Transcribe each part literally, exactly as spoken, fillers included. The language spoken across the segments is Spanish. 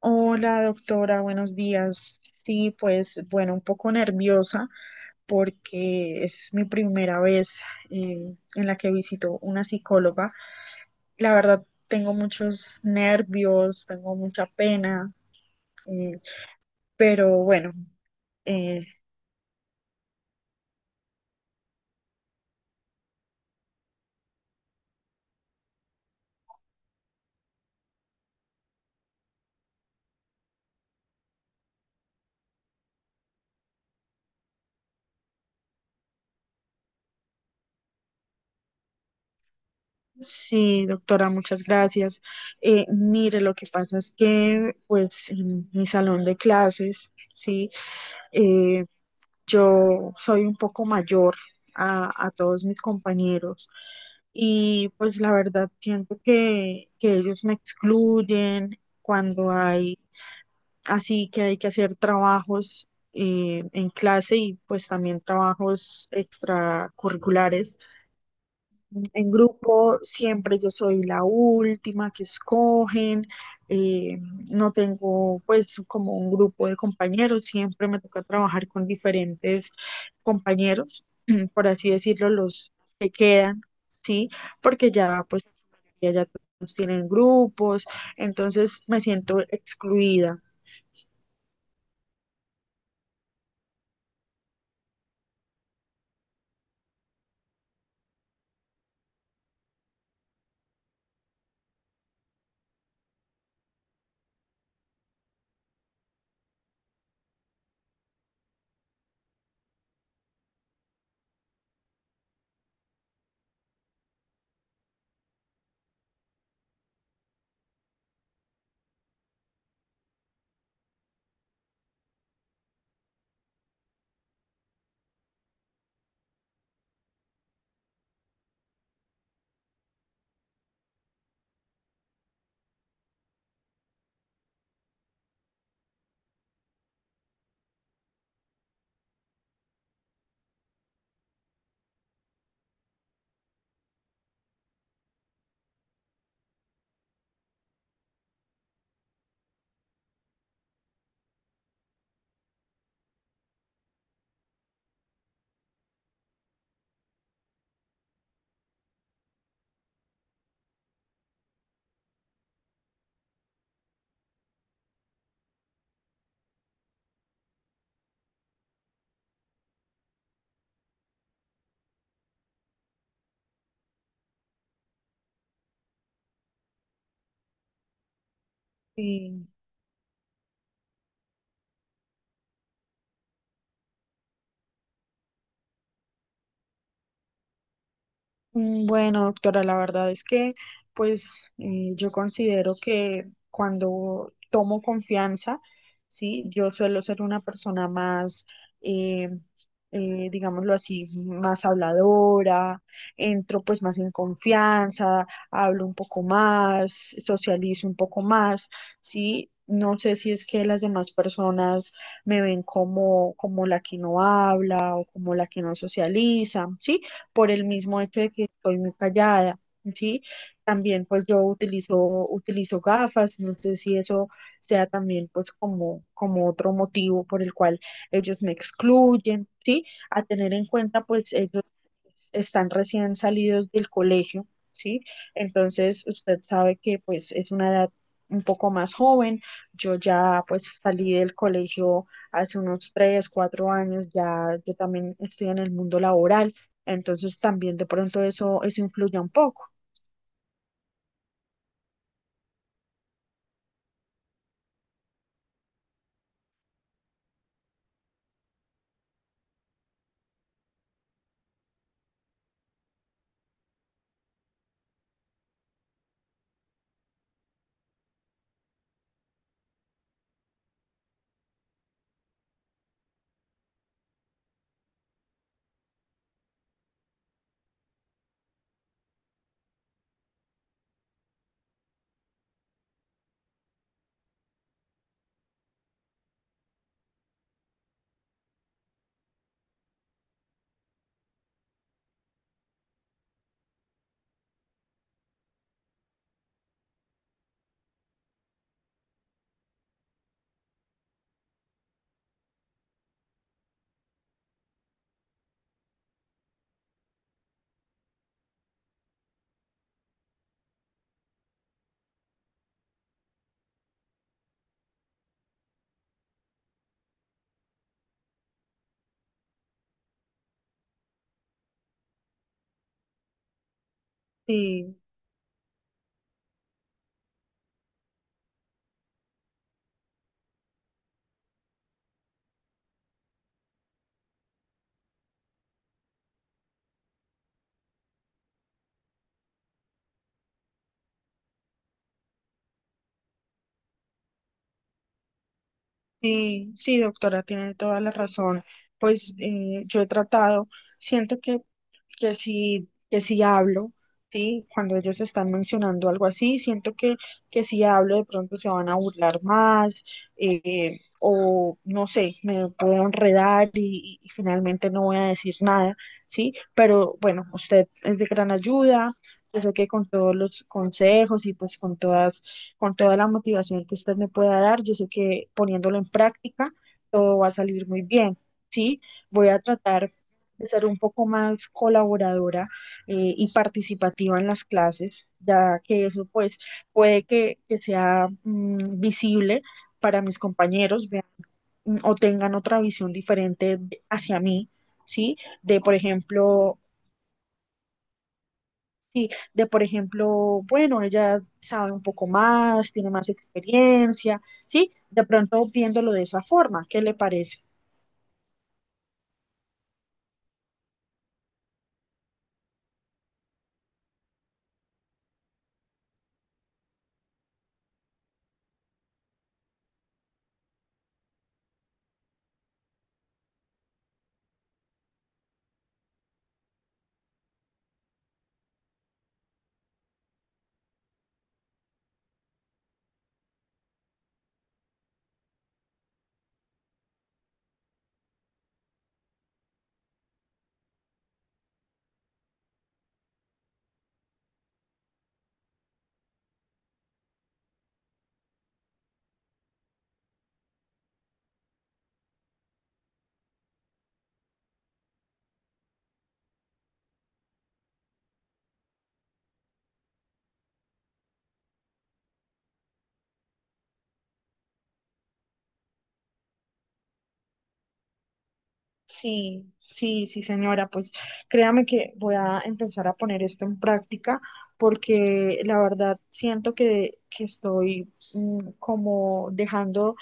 Hola, doctora, buenos días. Sí, pues bueno, un poco nerviosa porque es mi primera vez eh, en la que visito una psicóloga. La verdad, tengo muchos nervios, tengo mucha pena, eh, pero bueno, eh, sí, doctora, muchas gracias. Eh, mire, lo que pasa es que pues en mi salón de clases, sí. eh, Yo soy un poco mayor a, a todos mis compañeros y pues la verdad siento que, que ellos me excluyen cuando hay así que hay que hacer trabajos eh, en clase y pues también trabajos extracurriculares. En grupo siempre yo soy la última que escogen, eh, no tengo pues como un grupo de compañeros, siempre me toca trabajar con diferentes compañeros, por así decirlo, los que quedan, ¿sí? Porque ya pues ya ya todos tienen grupos, entonces me siento excluida. Sí. Mm, Bueno, doctora, la verdad es que, pues, eh, yo considero que cuando tomo confianza, sí, yo suelo ser una persona más, eh, eh, digámoslo así, más habladora, entro pues más en confianza, hablo un poco más, socializo un poco más, sí. No sé si es que las demás personas me ven como, como la que no habla o como la que no socializa, ¿sí? Por el mismo hecho de que estoy muy callada, ¿sí? También pues yo utilizo, utilizo gafas, no sé si eso sea también pues como, como otro motivo por el cual ellos me excluyen, ¿sí? A tener en cuenta pues ellos están recién salidos del colegio, ¿sí? Entonces usted sabe que pues es una edad un poco más joven. Yo ya pues salí del colegio hace unos tres, cuatro años, ya yo también estoy en el mundo laboral. Entonces también de pronto eso, eso influye un poco. Sí, sí, sí, doctora, tiene toda la razón. Pues eh, yo he tratado, siento que, que sí, que sí hablo, sí, cuando ellos están mencionando algo así, siento que, que si hablo de pronto se van a burlar más, eh, o no sé, me puedo enredar y, y finalmente no voy a decir nada, sí, pero bueno, usted es de gran ayuda. Yo sé que con todos los consejos y pues con todas con toda la motivación que usted me pueda dar. Yo sé que poniéndolo en práctica todo va a salir muy bien, ¿sí? Voy a tratar de ser un poco más colaboradora eh, y participativa en las clases, ya que eso pues puede que, que sea mm, visible para mis compañeros, vean, mm, o tengan otra visión diferente de- hacia mí, ¿sí? De, por ejemplo, sí, de por ejemplo, bueno, ella sabe un poco más, tiene más experiencia, ¿sí? De pronto viéndolo de esa forma, ¿qué le parece? Sí, sí, sí, señora, pues créame que voy a empezar a poner esto en práctica porque la verdad siento que, que estoy mm, como dejando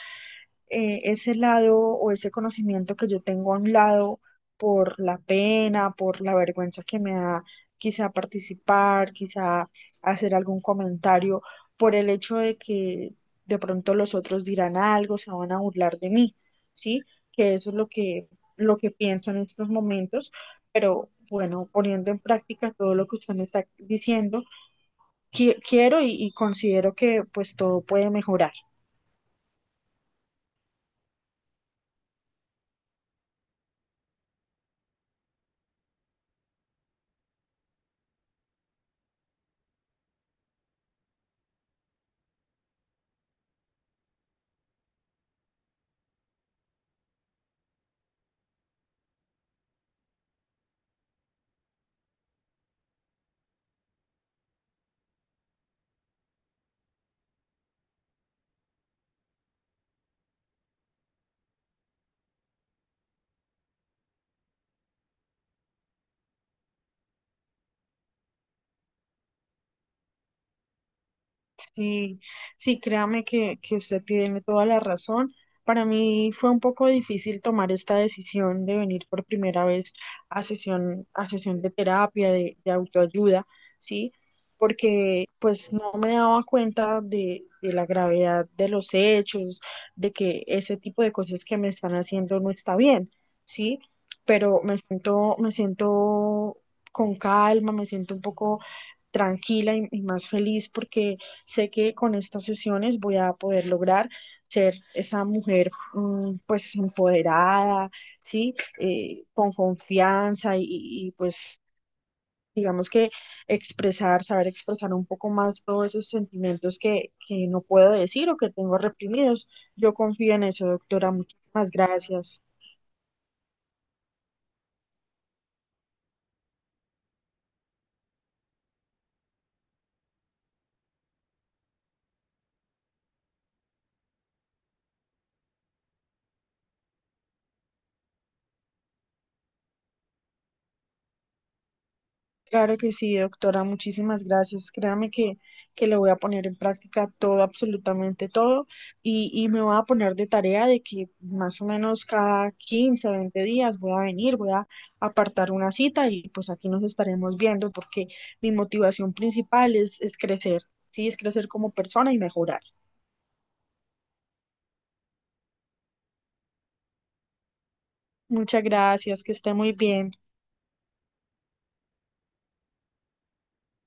eh, ese lado o ese conocimiento que yo tengo a un lado por la pena, por la vergüenza que me da quizá participar, quizá hacer algún comentario, por el hecho de que de pronto los otros dirán algo, se van a burlar de mí, ¿sí? Que eso es lo que, lo que pienso en estos momentos, pero bueno, poniendo en práctica todo lo que usted me está diciendo, qui- quiero y y considero que pues todo puede mejorar. Sí, sí, créame que, que usted tiene toda la razón. Para mí fue un poco difícil tomar esta decisión de venir por primera vez a sesión, a sesión de terapia, de, de autoayuda, ¿sí? Porque pues no me daba cuenta de, de la gravedad de los hechos, de que ese tipo de cosas que me están haciendo no está bien, ¿sí? Pero me siento, me siento con calma, me siento un poco tranquila y, y más feliz porque sé que con estas sesiones voy a poder lograr ser esa mujer mm, pues empoderada, ¿sí? Eh, con confianza y, y, pues digamos que expresar, saber expresar un poco más todos esos sentimientos que, que no puedo decir o que tengo reprimidos. Yo confío en eso, doctora. Muchísimas gracias. Claro que sí, doctora, muchísimas gracias. Créame que, que lo voy a poner en práctica todo, absolutamente todo, y, y me voy a poner de tarea de que más o menos cada quince, veinte días voy a venir, voy a apartar una cita y pues aquí nos estaremos viendo porque mi motivación principal es, es crecer, sí, es crecer como persona y mejorar. Muchas gracias, que esté muy bien.